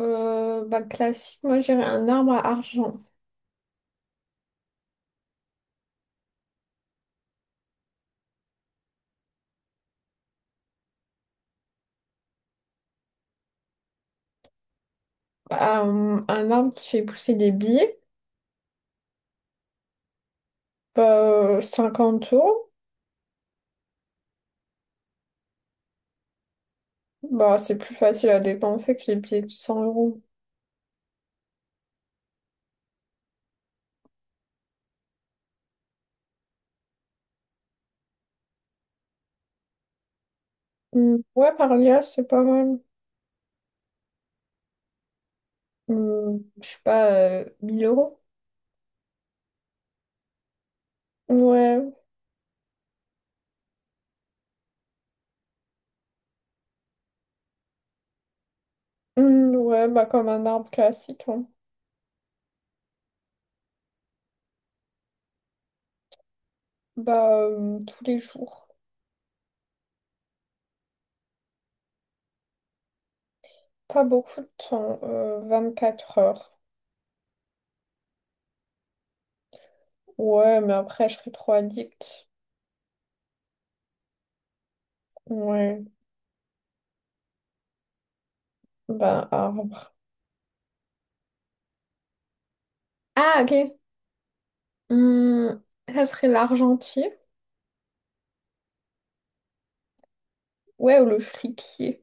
Bah, classique, moi j'irais un arbre à argent. Un arbre qui fait pousser des billets, bah, 50 euros. Bah, c'est plus facile à dépenser que les billets de cent euros. Hmm, ouais, par là, c'est pas mal. Je sais pas, 1000 euros. Ouais. Hmm, ouais, bah, comme un arbre classique, hein. Bah, tous les jours. Pas beaucoup de temps, 4 heures. Ouais, mais après, je serais trop addict. Ouais, bah, arbre. Ah, ok. Hum, Ça serait l'argentier? Ouais, ou le fripier?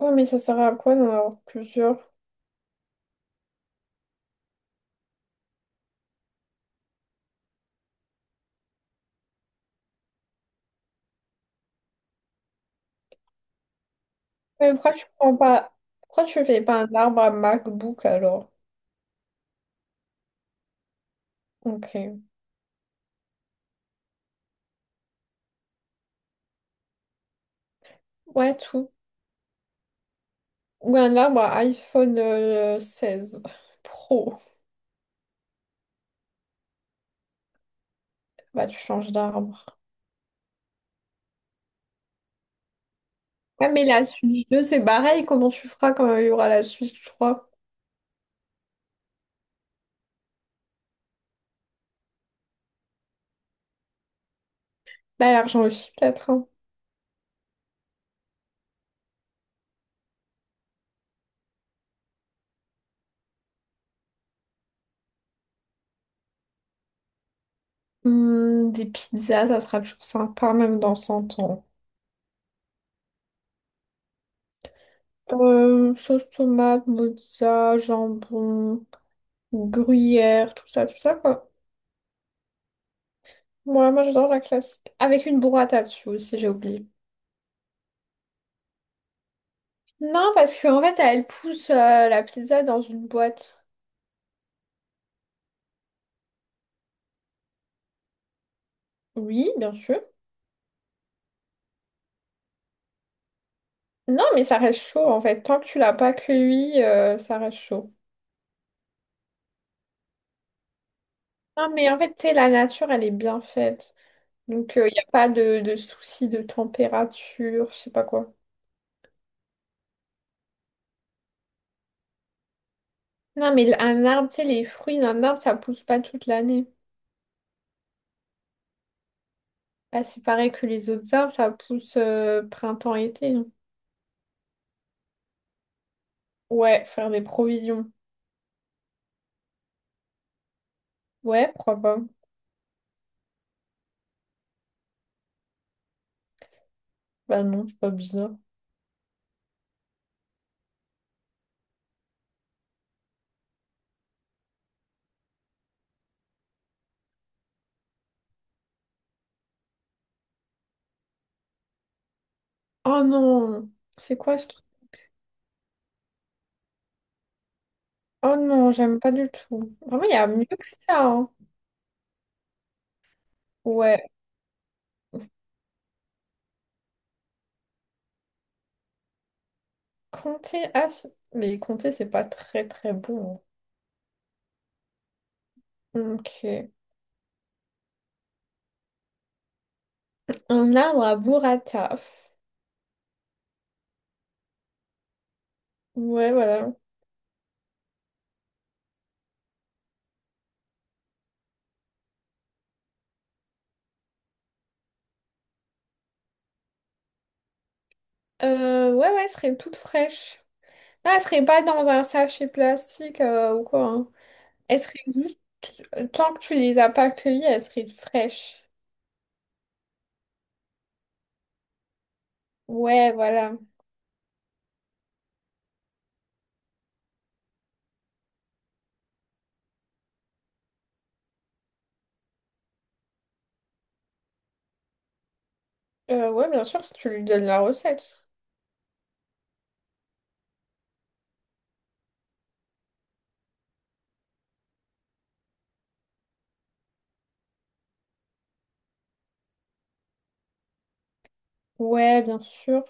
Ouais, mais ça sert à quoi d'en avoir plusieurs? Mais pourquoi tu prends pas... Pourquoi tu fais pas un arbre à MacBook alors? Ok. Ouais, tout. Ou un arbre à iPhone 16 Pro. Bah, tu changes d'arbre. Ouais, mais la Switch 2, c'est pareil. Comment tu feras quand il y aura la Switch 3? Bah, l'argent aussi, peut-être, hein. Des pizzas, ça sera toujours sympa, même dans 100 ans. Sauce tomate, mozza, jambon, gruyère, tout ça, quoi. Moi, moi, j'adore la classique. Avec une burrata dessus aussi, j'ai oublié. Non, parce qu'en fait, elle pousse la pizza dans une boîte. Oui, bien sûr. Non, mais ça reste chaud, en fait. Tant que tu l'as pas cueilli, ça reste chaud. Non, mais en fait, tu sais, la nature, elle est bien faite. Donc, il n'y a pas de souci de température, je sais pas quoi. Non, mais un arbre, tu sais, les fruits d'un arbre, ça pousse pas toute l'année. Ah, c'est pareil que les autres arbres, ça pousse printemps-été. Ouais, faire des provisions. Ouais, pourquoi pas? Bah non, c'est pas bizarre. Oh non, c'est quoi ce truc? Oh non, j'aime pas du tout. Vraiment, il y a mieux que ça, hein. Ouais. Comté. Ah, mais Comté, c'est pas très très bon. Hein. Ok. Un arbre à burrata. Ouais, voilà. Ouais, ouais, elle serait toute fraîche. Ah, elle serait pas dans un sachet plastique ou quoi, hein. Elles seraient juste, tant que tu les as pas accueillies, elles seraient fraîches. Ouais, voilà. Ouais, bien sûr, si tu lui donnes la recette. Ouais, bien sûr.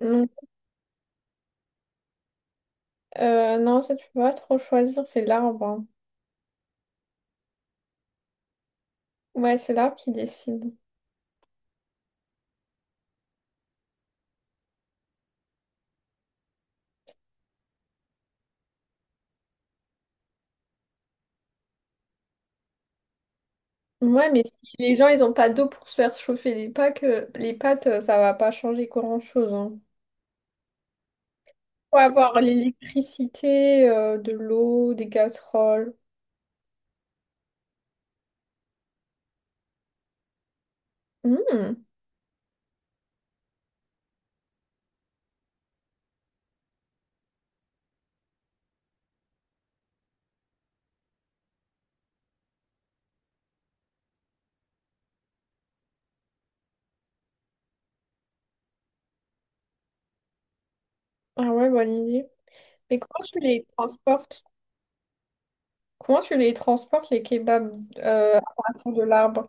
Non, non, ça, tu peux pas trop choisir, c'est l'arbre, hein. Ouais, c'est l'arbre qui décide. Ouais, mais si les gens, ils ont pas d'eau pour se faire chauffer les pâtes, ça va pas changer grand-chose, hein. Faut avoir l'électricité, de l'eau, des casseroles. Hmm. Ah ouais, bonne idée. Mais comment tu les transportes? Comment tu les transportes, les kebabs, à partir de l'arbre?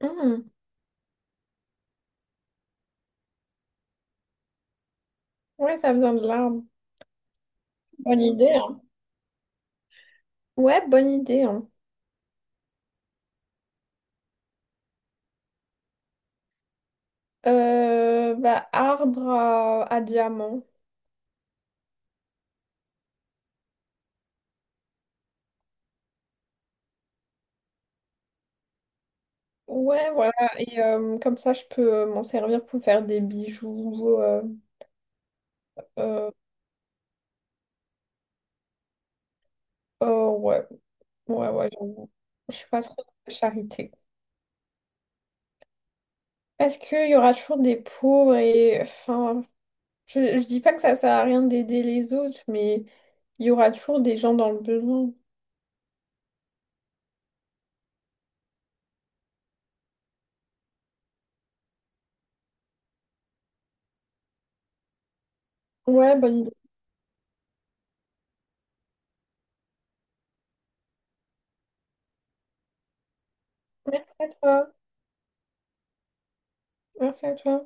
Mhm. Ouais, ça vient de l'arbre. Bonne idée, hein. Ouais, bonne idée, hein. Bah, arbre à diamant. Ouais, voilà. Et comme ça, je peux m'en servir pour faire des bijoux. Euh, oh, ouais. Ouais, ouais, j'avoue. Je suis pas trop dans la charité. Parce qu'il y aura toujours des pauvres et... Enfin, je dis pas que ça sert à rien d'aider les autres, mais il y aura toujours des gens dans le besoin. Ouais, bonne idée. Merci à toi. Merci à toi.